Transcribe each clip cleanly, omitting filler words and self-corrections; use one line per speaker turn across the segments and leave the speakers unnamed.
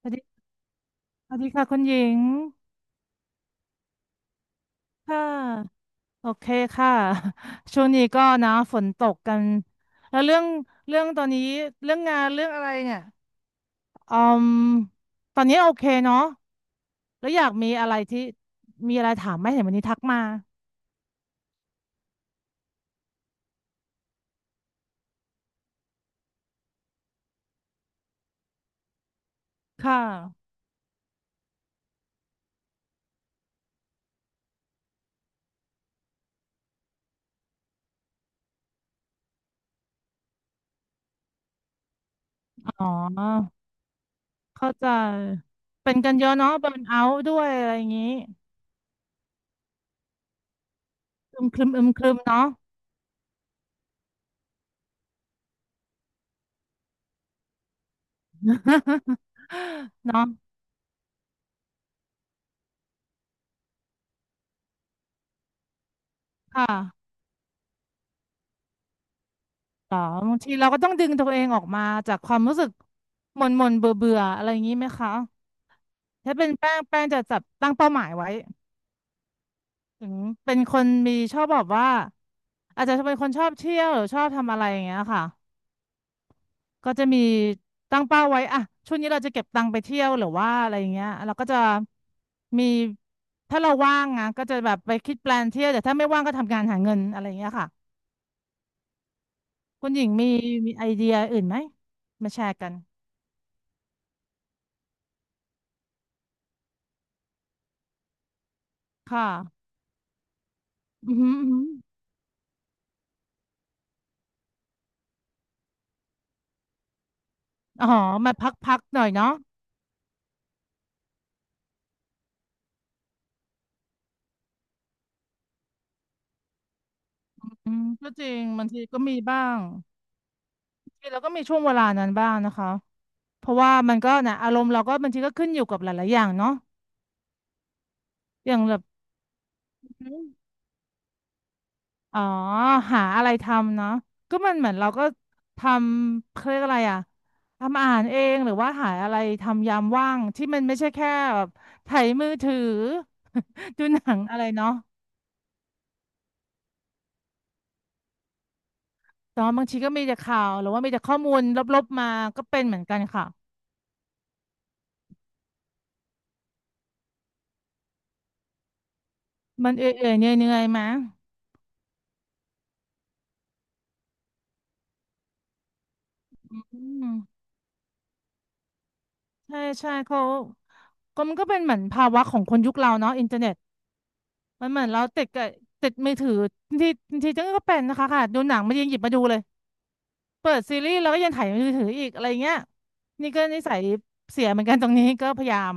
สวัสดีสวัสดีค่ะคุณหญิง ค่ะ โอเคค่ะ ช่วงนี้ก็นะฝนตกกัน แล้วเรื่องตอนนี้เรื่องงานเรื่องอะไรเนี่ยอืมตอนนี้โอเคเนาะแล้วอยากมีอะไรที่มีอะไรถามไหมเห็นวันนี้ทักมาค่ะ อ๋อ เข้าใจเป็นกันเยอะเนาะเบิร์นเอาท์ด้วยอะไรอย่างนี้อึมครึมอึมครึมเนาะ เนาะค่ะ หรอบางทีเราก็ต้องดึงตัวเองออกมาจากความรู้สึกหม่นหม่นเบื่อเบื่อๆอะไรอย่างนี้ไหมคะถ้าเป็นแป้งแป้งจะจับตั้งเป้าหมายไว้ถึงเป็นคนมีชอบแบบว่าอาจจะเป็นคนชอบเที่ยวหรือชอบทำอะไรอย่างเงี้ยค่ะก็จะมีตั้งเป้าไว้อะช่วงนี้เราจะเก็บตังค์ไปเที่ยวหรือว่าอะไรอย่างเงี้ยเราก็จะมีถ้าเราว่างนะก็จะแบบไปคิดแปลนเที่ยวแต่ถ้าไม่ว่างก็ทำงานหาเงินอะไรอย่างเงี้ยค่ะคุณหญิงมีไอเดียอื่นไหมมาแชร์กันค่ะอือหืออือหือ อ๋อมาพักๆหน่อยเนาะอืมก็จริงบางทีก็มีบ้างทีเราก็มีช่วงเวลานั้นบ้างนะคะเพราะว่ามันก็นะอารมณ์เราก็บางทีก็ขึ้นอยู่กับหลายๆอย่างเนาะอย่างแบบอืมอ๋อหาอะไรทำเนาะก็มันเหมือนเราก็ทำเขาเรียกอะไรอะทำอาหารเองหรือว่าหาอะไรทำยามว่างที่มันไม่ใช่แค่แบบไถมือถือ ดูหนังอะไรเนาะแต่ว่าบางทีก็มีแต่ข่าวหรือว่ามีแต่ข้อมูลลบๆมาก็เป็นเหมือนกันค่ะ มันเอื่อยๆเหนื่อยๆมั้ยอืมใช่ใช่เขาก็มันก็เป็นเหมือนภาวะของคนยุคเราเนาะอินเทอร์เน็ตมันเหมือนเราติดกับติดมือถือที่ที่จังก็เป็นนะคะค่ะดูหนังมันยังหยิบมาดูเลยเปิดซีรีส์เราก็ยังถ่ายมือถืออีกอะไรเงี้ยนี่ก็นิสัยเสียเหมือนกันตรงนี้ก็พยายาม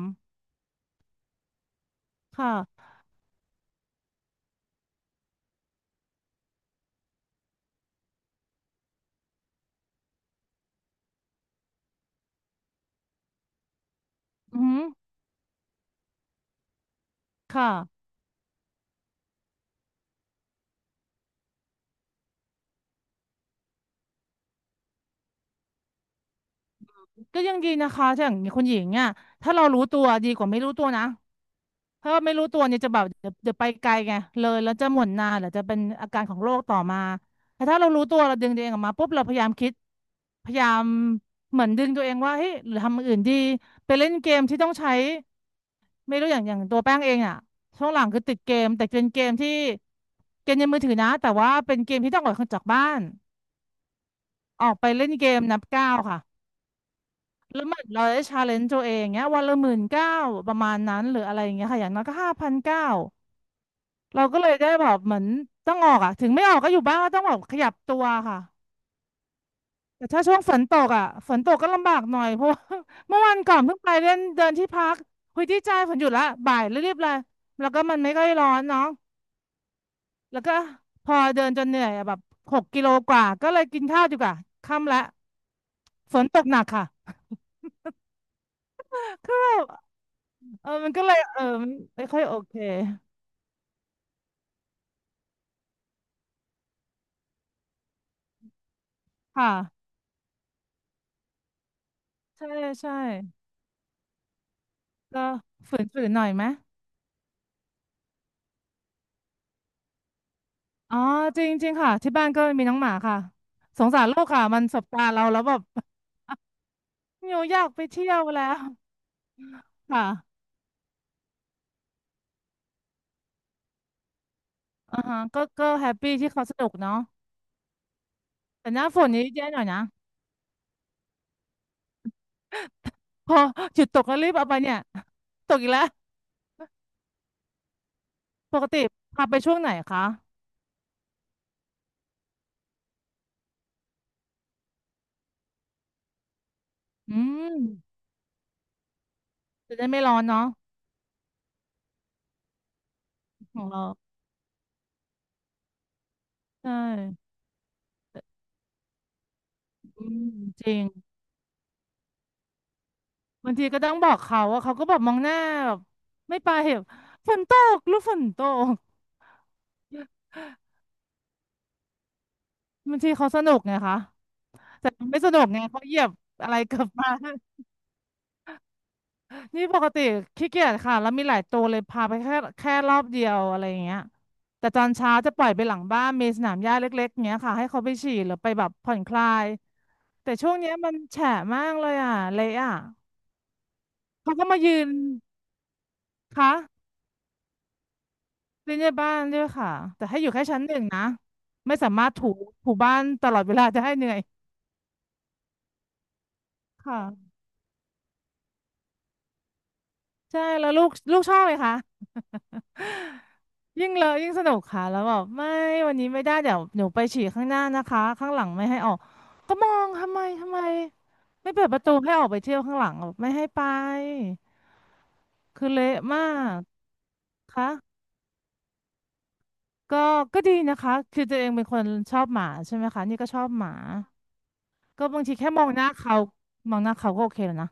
ค่ะอืมค่ะก็ยังดีนะคะถ้าอย่างคุณหญิงอ่ะถ้าเรารู้ตัวดีกว่าไม่รู้ตัวนะ เพราะไม่รู้ตัวเนี่ยจะแบบเดี๋ยวเดี๋ยวไปไกลไงเลยแล้วจะหม่นนานหรือจะเป็นอาการของโรคต่อมาแต่ถ้าเรารู้ตัวเราดึงตัวเองออกมาปุ๊บเราพยายามคิดพยายามเหมือนดึงตัวเองว่าเฮ้ยหรือทำอย่างอื่นดีไปเล่นเกมที่ต้องใช้ไม่รู้อย่างตัวแป้งเองอ่ะช่วงหลังคือติดเกมแต่เป็นเกมที่เกมในมือถือนะแต่ว่าเป็นเกมที่ต้องออกจากบ้านออกไปเล่นเกมนับก้าวค่ะแล้วเหมือนเราได้ชาเลนจ์ตัวเองเงี้ยวันละหมื่นเก้าประมาณนั้นหรืออะไรอย่างเงี้ยค่ะอย่างน้อยก็ห้าพันเก้า เราก็เลยได้แบบเหมือนต้องออกอ่ะถึงไม่ออกก็อยู่บ้านก็ต้องแบบขยับตัวค่ะแต่ถ้าช่วงฝนตกอ่ะฝนตกก็ลำบากหน่อยเพราะว่า เมื่อวันก่อนเพิ่งไปเล่นเดินที่พักคุยที่ใจฝนหยุดละบ่ายรีบๆเลยแล้วก็มันไม่ค่อยร้อนเนาะแล้วก็พอเดินจนเหนื่อยอะแบบ6 กิโลกว่าก็เลยกินข้าวดีกว่าค่ำละฝนตกหนักค่ะก็แบบเออมันก็เลยเออไม่ค่อยโอเคค่ะใช่ใช่ก็ฝืนหน่อยไหม อ๋อจริงจริงค่ะที่บ้านก็มีน้องหมาค่ะสงสารลูกค่ะมันสบตาเราแล้วแบบ โยอยากไปเที่ยวแล้วค่ะอ่าฮะก็ก็แฮปปี้ที่เขาสนุกเนาะแต่หน้าฝนนี้แย่หน่อยนะพอหยุดตกก็รีบเอาไปเนี่ยตกอีกแล้วปกติพาไปช่วงไหนคะอืมจะได้ไม่ร้อนเนาะของเราใช่อืมจริงบางทีก็ต้องบอกเขาว่าเขาก็แบบมองหน้าแบบไม่ไปเหรอฝนตกหรือฝนตกบางทีเขาสนุกไงคะ แต่ไม่สนุกไงเขาเหยียบอะไรกลับมา นี่ ปกติขี้เกียจค่ะแล้วมีหลายตัวเลยพาไปแค่รอบเดียวอะไรอย่างเงี้ยแต่ตอนเช้าจะปล่อยไปหลังบ้านมีสนามหญ้าเล็กๆเงี้ยค่ะให้เขาไปฉี่หรือไปแบบผ่อนคลาย แต่ช่วงเนี้ยมันแฉะมากเลยอ่ะเละอ่ะเขาก็มายืนคะเล่นในบ้านด้วยค่ะแต่ให้อยู่แค่ชั้นหนึ่งนะไม่สามารถถูบ้านตลอดเวลาจะให้เหนื่อยค่ะใช่แล้วลูกชอบไหมคะ ยิ่งเลอะยิ่งสนุกค่ะแล้วบอกไม่วันนี้ไม่ได้เดี๋ยวหนูไปฉี่ข้างหน้านะคะข้างหลังไม่ให้ออกก็มองทำไมไม่เปิดประตูให้ออกไปเที่ยวข้างหลังบอกไม่ให้ไปคือเละมากค่ะก็ก็ดีนะคะคือตัวเองเป็นคนชอบหมาใช่ไหมคะนี่ก็ชอบหมาก็บางทีแค่มองหน้าเขามองหน้าเขาก็โอเคแล้วนะ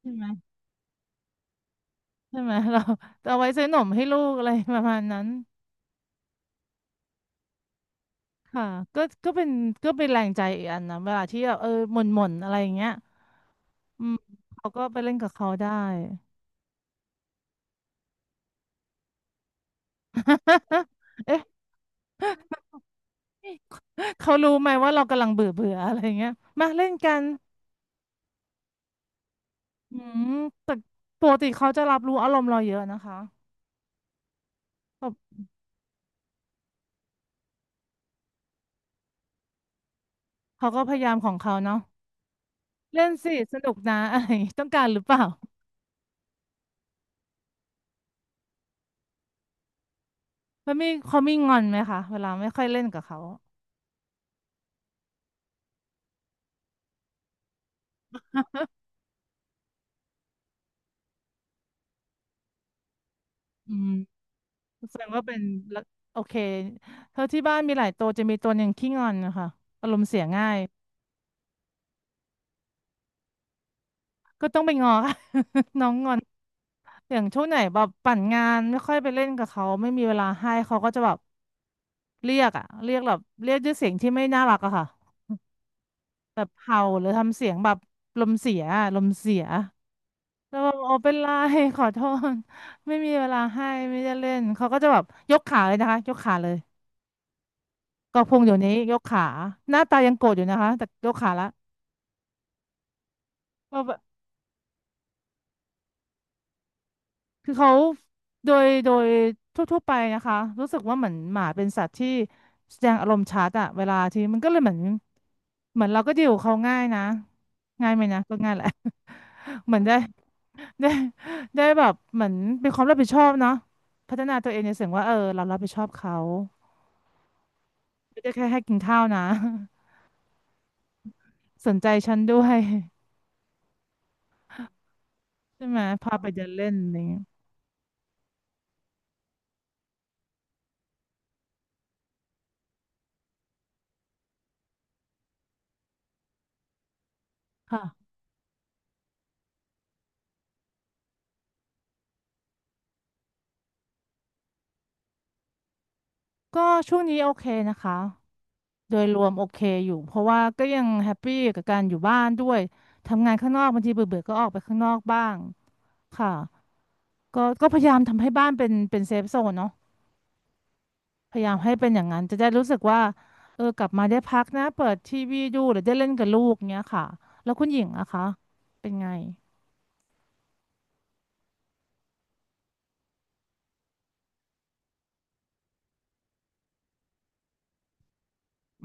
ใช่ไหมใช่ไหมเราเอาไว้ซื้อหนมให้ลูกอะไรประมาณนั้น ค่ะก็เป็นก็เป็นแรงใจอีกอันนะเวลาที่แบบเออหม่นหม่นอะไรอย่างเงี้ยอืมเขาก็ไปเล่นกับเขาได้ เอ๊ะเขารู้ไหมว่าเรากำลังเบื่อเบื่ออะไรอย่างเงี้ยมาเล่นกันอืมแต่ปกติเขาจะรับรู้อารมณ์เราเยอะนะคะแบบเขาก็พยายามของเขาเนาะเล่นสิสนุกนะอะไรอย่างงี้ต้องการหรือเปล่าแล้วมีเขามีงอนไหมคะเวลาไม่ค่อยเล่นกับเขาอื แสดงว่าเป็นละโอเคเท่าที่บ้านมีหลายตัวจะมีตัวหนึ่งขี้งอนนะคะอารมณ์เสียง่ายก็ต้องไปงอ ค่ะ น้องงอนอย่างช่วงไหนแบบปั่นงานไม่ค่อยไปเล่นกับเขาไม่มีเวลาให้เขาก็จะแบบเรียกอะเรียกแบบเรียกด้วยเสียงที่ไม่น่ารักอะค่ะแบบเห่าหรือทำเสียงแบบลมเสียอะลมเสียแล้วแบบโอเป็นไร ขอโทษไม่มีเวลาให้ไม่ได้เล่นเขาก็จะแบบยกขาเลยนะคะยกขาเลยก็พงอยู่นี้ยกขาหน้าตายังโกรธอยู่นะคะแต่ยกขาละ คือเขาโดยทั่วๆไปนะคะรู้สึกว่าเหมือนหมาเป็นสัตว์ที่แสดงอารมณ์ชัดอะเวลาที่มันก็เลยเหมือนเราก็ดีลกับเขาง่ายนะง่ายไหมนะก็ง่ายแหละ เหมือนได้ได้ได้แบบเหมือนเป็นความรับผิดชอบเนาะพัฒนาตัวเองในเสียงว่าเออเรารับผิดชอบเขาไม่ได้แค่ให้กินข้าวนะ สนใจฉันด้วยใช่ไหมพาไปเดินเล่นอะไรอย่างเงี้ยค่ะก็ช่วงนี้โอเคนะคะ โดยรวมโอเคอยู่เพราะว่าก็ยังแฮปปี้กับการอยู่บ้านด้วยทำงานข้างนอกบางทีเบื่อเบก็ออกไปข้างนอกบ้างค่ะก็พยายามทำให้บ้านเป็นเซฟโซนเนาะพยายามให้เป็นอย่างนั้นจะได้รู้สึกว่าเออกลับมาได้พักนะเปิดทีวีดูหรือได้เล่นกับลูกเงี้ยค่ะแล้วคุณหญิงอะคะเป็นไง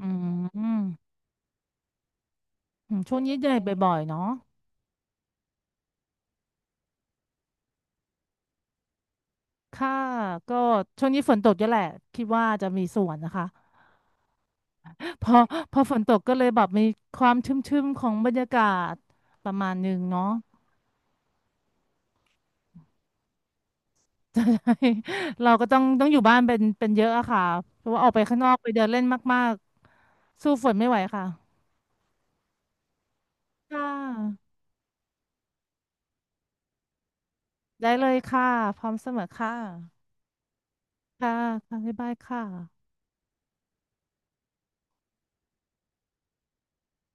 อืมอืมช่วงนี้เหนื่อยบ่อยๆเนาะค่ะก็ช่วงนี้ฝนตกเยอะแหละคิดว่าจะมีส่วนนะคะ พอพอฝนตกก็เลยแบบมีความชุ่มๆของบรรยากาศประมาณหนึ่งเนาะ ใช่เราก็ต้องอยู่บ้านเป็นเยอะอะค่ะเพราะว่าออกไปข้างนอกไปเดินเล่นมากๆสู้ฝนไม่ไหวค่ะค่ะได้เลยค่ะพร้อมเสมอค่ะค่ะค่ะบ๊ายบายค่ะ